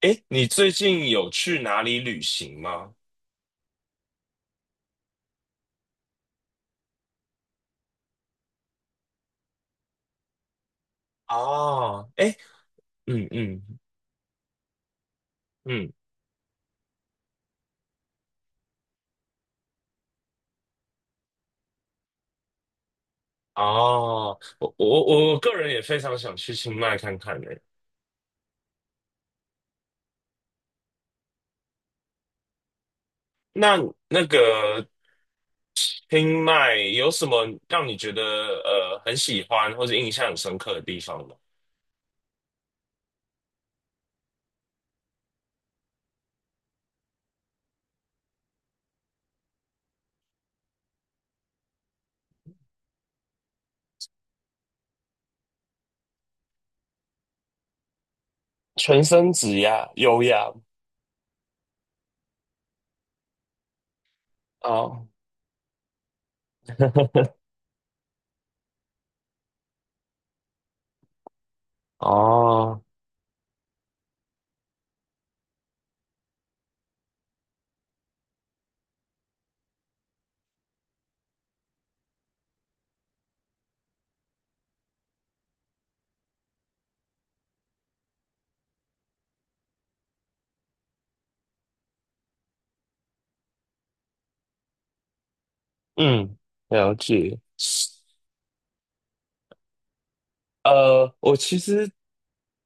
诶，你最近有去哪里旅行吗？哦，诶，嗯嗯嗯，哦，我个人也非常想去清迈看看呢。那那个清迈有什么让你觉得很喜欢或者印象很深刻的地方吗？全身指压，优雅哦，哦，嗯，了解。我其实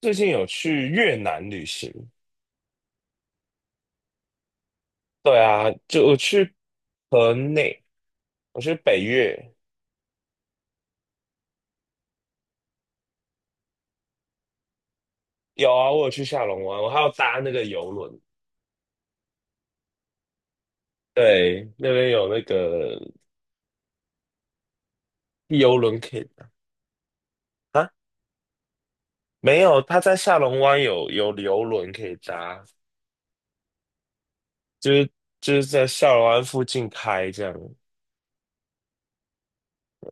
最近有去越南旅行。对啊，就我去河内，我去北越，有啊，我有去下龙湾，我还要搭那个游轮，对，那边有那个游轮可以搭啊，没有，他在下龙湾有游轮可以搭，就是就是在下龙湾附近开这样，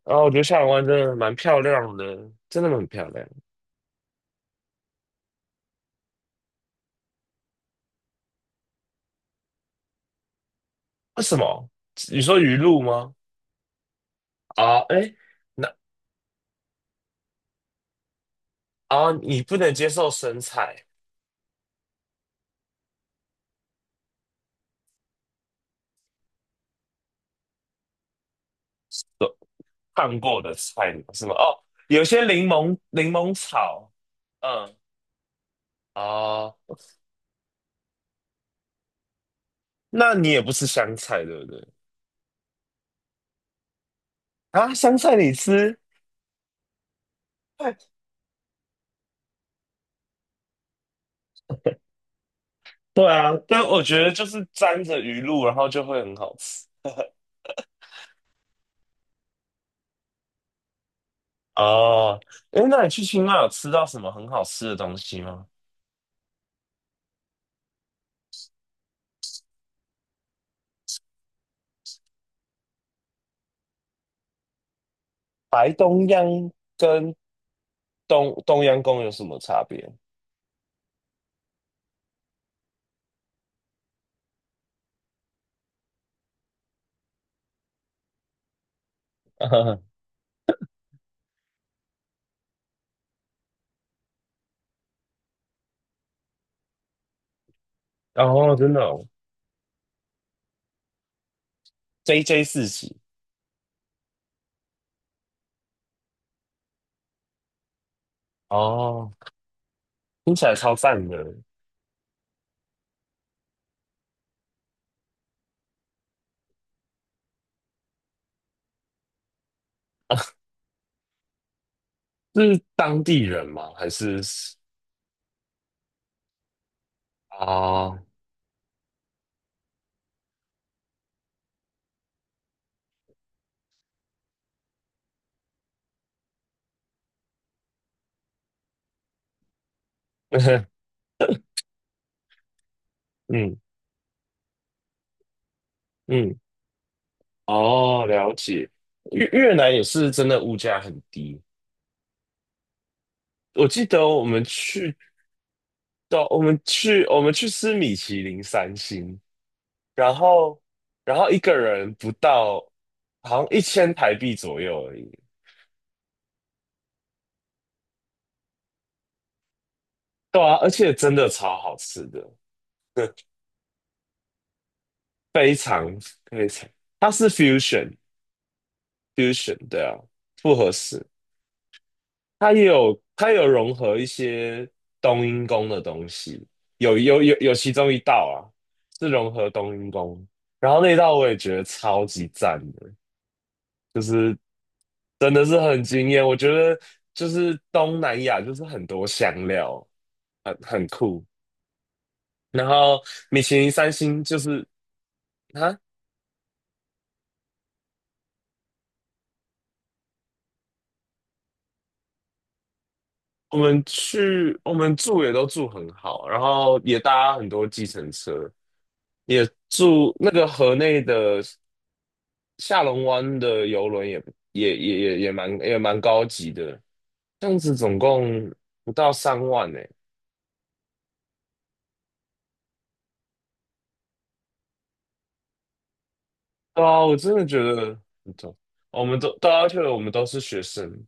然后我觉得下龙湾真的蛮漂亮的，真的很漂亮。为什么？你说鱼露吗？啊，哎，那啊，你不能接受生菜。烫过的菜是吗？哦，有些柠檬草，嗯，哦，那你也不吃香菜对不对？啊，香菜你吃？对啊，但我觉得就是沾着鱼露，然后就会很好吃。哦，诶，那你去清迈有吃到什么很好吃的东西吗？白东央跟东东央宫有什么差别？哦，真的哦，JJ 四喜哦，听起来超赞的。是当地人吗？还是？哦，嗯嗯，哦，了解。越南也是真的物价很低，我记得我们去到我们去我们去吃米其林三星，然后然后一个人不到好像1000台币左右而已。对啊，而且真的超好吃的，非常非常，它是 fusion 对啊，复合式。它有融合一些冬阴功的东西，有有有有其中一道啊是融合冬阴功，然后那道我也觉得超级赞的，真的是很惊艳。我觉得就是东南亚就是很多香料，很酷。然后米其林三星就是啊，我们住也都住很好，然后也搭很多计程车，也住那个河内的。下龙湾的游轮也蛮高级的，这样子总共不到3万呢、对啊，我真的觉得很重。我们都要去了，我们都是学生。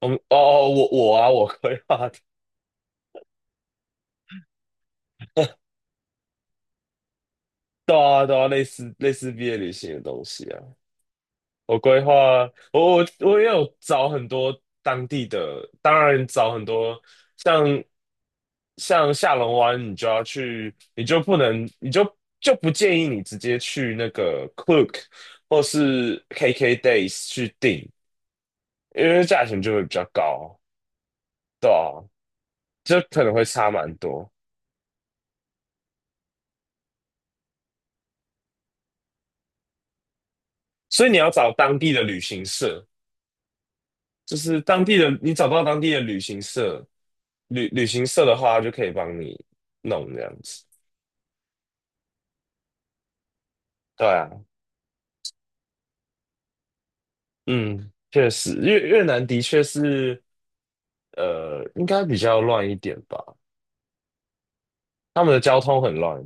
我们哦哦，我规划的，对啊对啊，类似毕业旅行的东西啊。我规划，我也有找很多当地的，当然找很多像像下龙湾，你就要去，你就不能，你就不建议你直接去那个 Klook 或是 KK Days 去订，因为价钱就会比较高，对啊，就可能会差蛮多，所以你要找当地的旅行社，就是当地的，你找到当地的旅行社，旅行社的话就可以帮你弄这样子，对啊。嗯，确实，越南的确是，应该比较乱一点吧，他们的交通很乱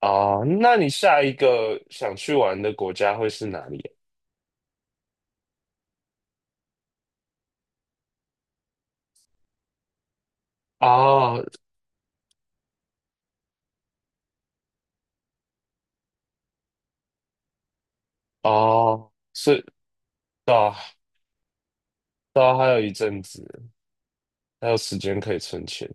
啊。那你下一个想去玩的国家会是哪里？哦哦，是的，到还有一阵子，还有时间可以存钱。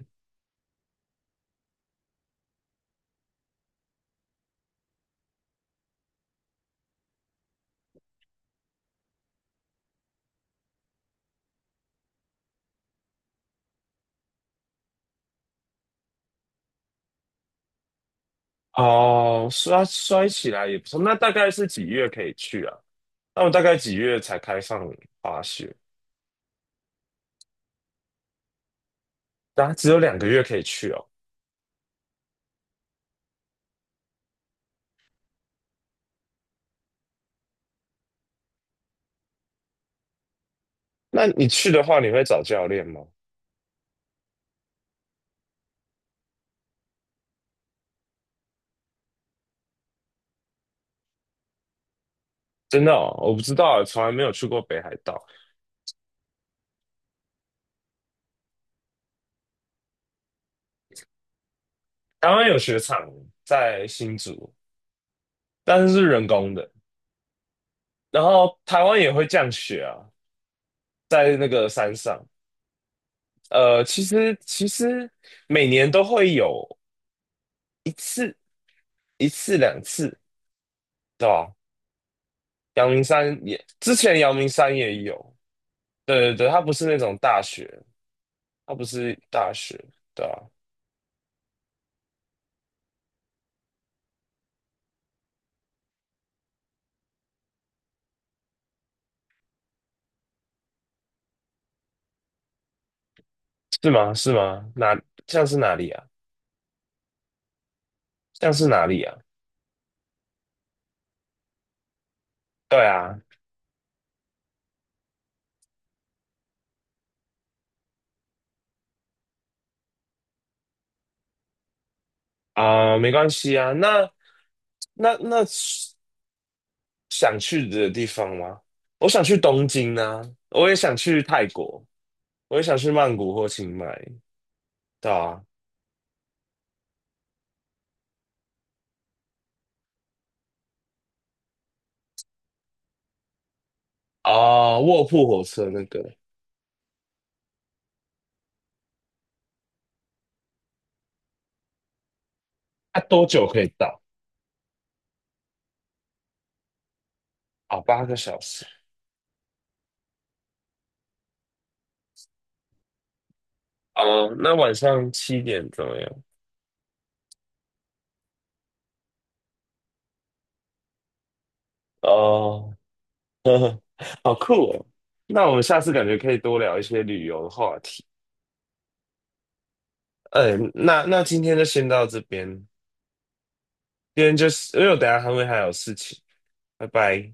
哦，摔起来也不错。那大概是几月可以去啊？那我大概几月才开放滑雪？啊，只有2个月可以去哦。那你去的话，你会找教练吗？真的哦，我不知道，从来没有去过北海道。台湾有雪场在新竹，但是是人工的。然后台湾也会降雪啊，在那个山上。其实每年都会有一次、一次、两次，对吧？阳明山也，之前阳明山也有。对对对，它不是那种大雪，它不是大雪，对吧？是吗？是吗？哪，像是哪里啊？像是哪里啊？对啊，啊、没关系啊。那那那想去的地方吗？我想去东京啊，我也想去泰国，我也想去曼谷或清迈，对啊，哦，卧铺火车那个，它、多久可以到？哦，8个小时。哦，那晚上7点怎么样？哦，好酷哦。那我们下次感觉可以多聊一些旅游的话题。嗯，那今天就先到这边，今天就是因为我等一下还有事情，拜拜。